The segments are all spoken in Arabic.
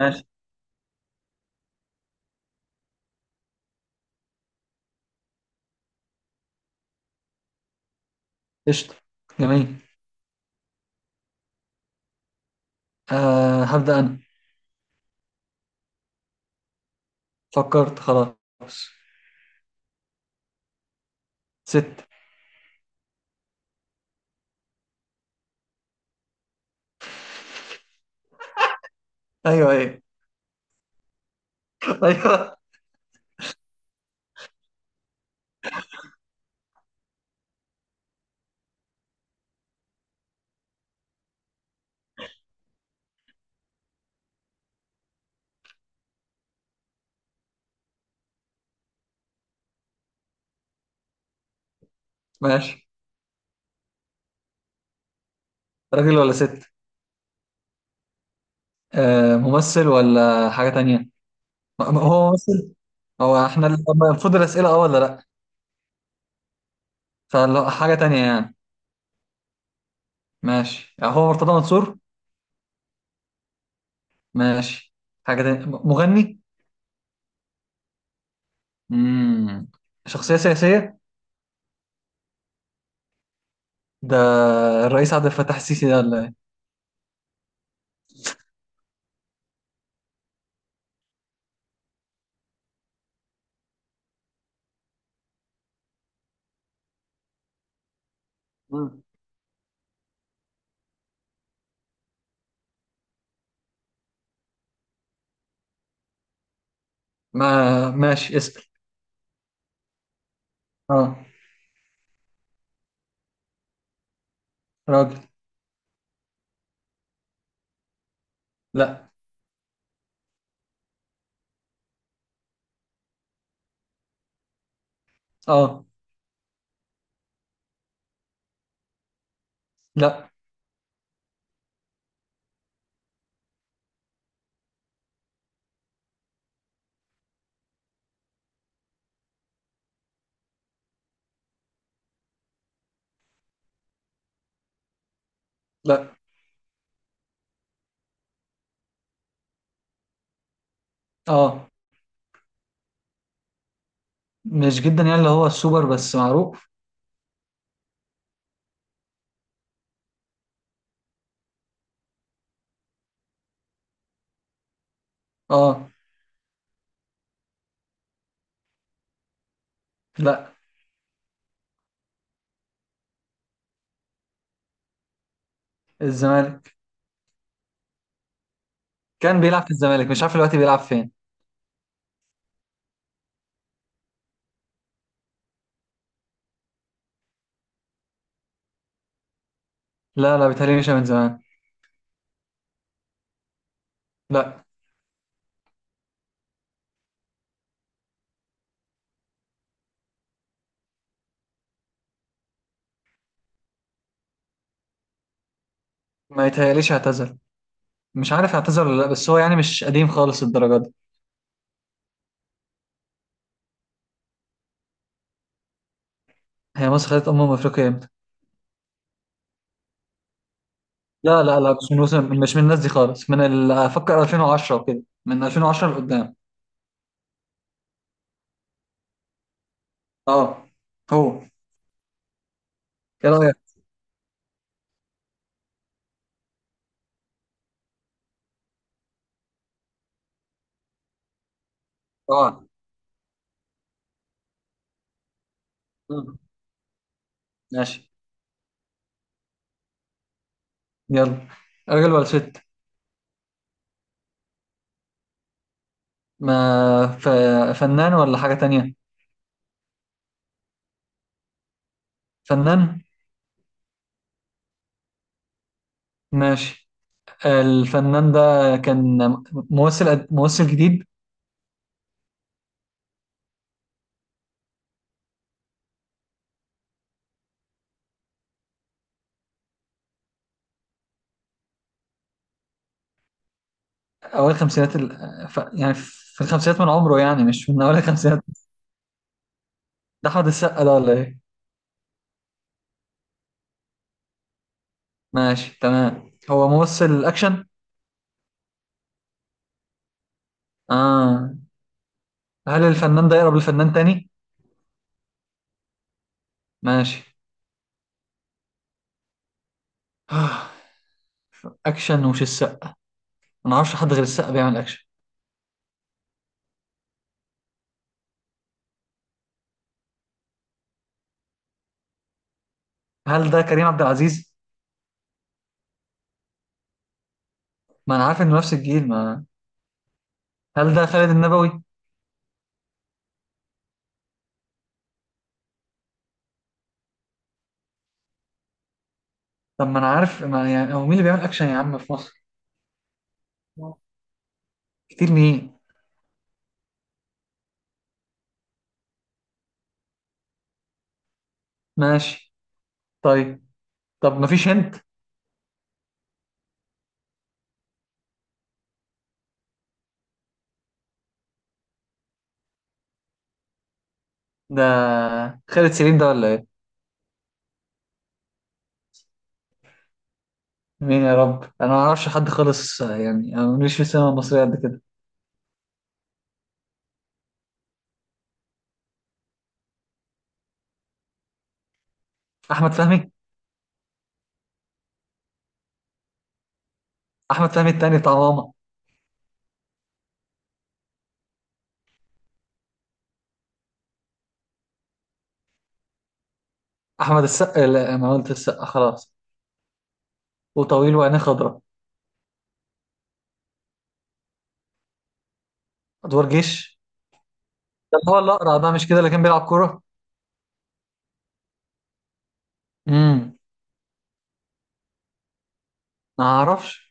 ماشي. قشطة. جميل. آه، هبدأ أنا. فكرت خلاص. ست. أيوه أيوه. أيوه. ماشي، راجل ولا ست؟ آه، ممثل ولا حاجة تانية؟ هو ممثل؟ هو احنا المفروض الأسئلة أه ولا لأ؟ فلو حاجة تانية يعني. ماشي. هو مرتضى منصور؟ ماشي. حاجة تانية، مغني؟ مم. شخصية سياسية. ده الرئيس عبد الفتاح السيسي ده ولا إيه؟ مم. ما ماشي، اسأل. اه. راجل. لأ. اه. لأ. لا. اه، مش جدا يعني، اللي هو السوبر، بس معروف. اه. لا. الزمالك. كان بيلعب في الزمالك، مش عارف دلوقتي بيلعب فين. لا لا، بيتهيألي مش من زمان. لا. ما يتهيأليش اعتزل. مش عارف اعتزل ولا لا، بس هو يعني مش قديم خالص الدرجة دي. هي مصر خدت أمم أفريقيا امتى؟ لا لا لا، مش من وسم، مش من الناس دي خالص، أفكر 2010 وكده، من 2010 لقدام. اه. هو، ايه رأيك؟ اه. مم. ماشي. يلا، راجل ولا ست؟ ما ف... فنان ولا حاجة تانية؟ فنان. ماشي. الفنان ده كان ممثل، جديد؟ أوائل الخمسينات يعني في الخمسينات من عمره، يعني مش من أوائل الخمسينات. ده أحمد السقا ده ولا إيه؟ ماشي تمام، هو ممثل أكشن؟ آه. هل الفنان ده يقرب لفنان تاني؟ ماشي. آه، أكشن ومش السقا. ما أعرفش حد غير السقا بيعمل أكشن. هل ده كريم عبد العزيز؟ ما أنا عارف إنه نفس الجيل، ما، هل ده خالد النبوي؟ طب ما أنا عارف، ما يعني هو مين اللي بيعمل أكشن يا عم في مصر؟ كتير مين؟ ماشي. طيب. طب مفيش هنت. ده خالد سليم ده ولا ايه؟ مين يا رب، انا ما اعرفش حد خالص، آه، يعني انا ماليش في السينما المصريه قد كده. احمد فهمي. احمد فهمي التاني بتاع ماما. احمد السقا؟ لا، انا قلت السقا خلاص. وطويل وعينيه خضراء. ادوار جيش. ده اللي هو الاقرع ده مش كده، اللي كان بيلعب كوره؟ امم. ما اعرفش.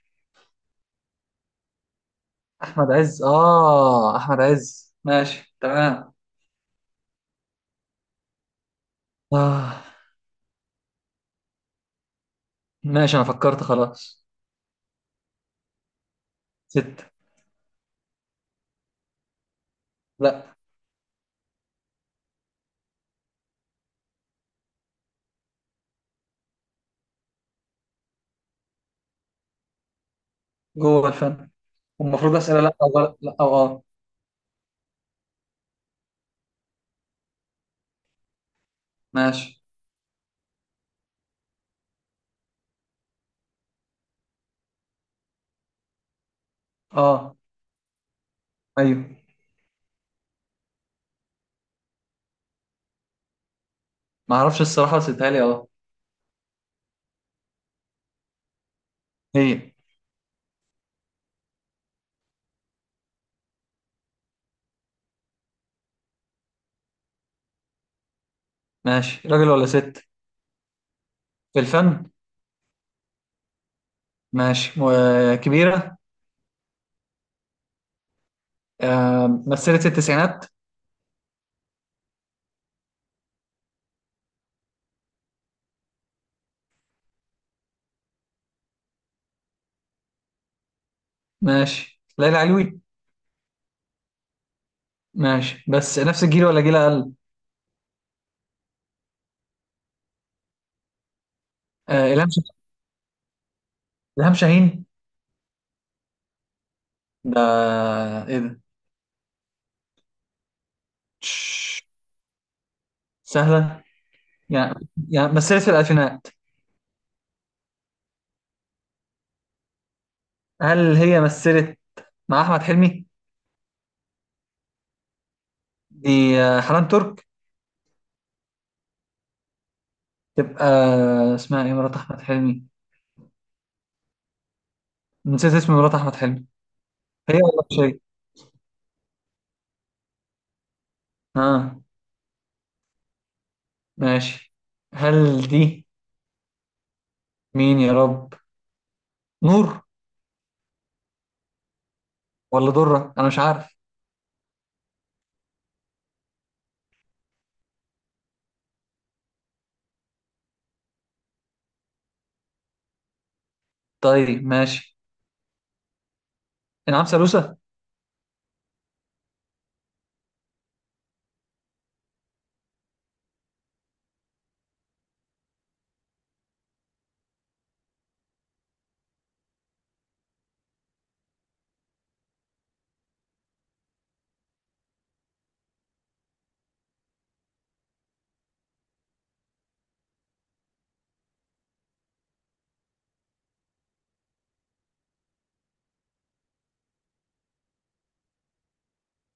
احمد عز؟ اه احمد عز، ماشي تمام. اه. ماشي، انا فكرت خلاص. ستة. لا. جوه الفن. المفروض اسئله لا او لا، لا او اه. ماشي. اه. ايوه. ما اعرفش الصراحه، بس اتهيألي اه. هي. ماشي، راجل ولا ست؟ في الفن. ماشي، وكبيره. آه. مثلت التسعينات. ماشي. ليلى علوي؟ ماشي، بس نفس الجيل ولا جيل اقل؟ آه، الهام الهام شاهين. ده، ايه ده؟ تش- سهله؟ يعني، يعني مثلت في الالفينات. هل هي مثلت مع احمد حلمي؟ دي آه، حنان ترك؟ تبقى آه، اسمها ايه مرات احمد حلمي؟ نسيت اسم مرات احمد حلمي. هي ولا مش هي؟ ها. ماشي. هل دي، مين يا رب؟ نور ولا ضرة، انا مش عارف. طيب ماشي. انعام سالوسة.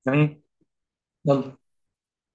جميل. يلا.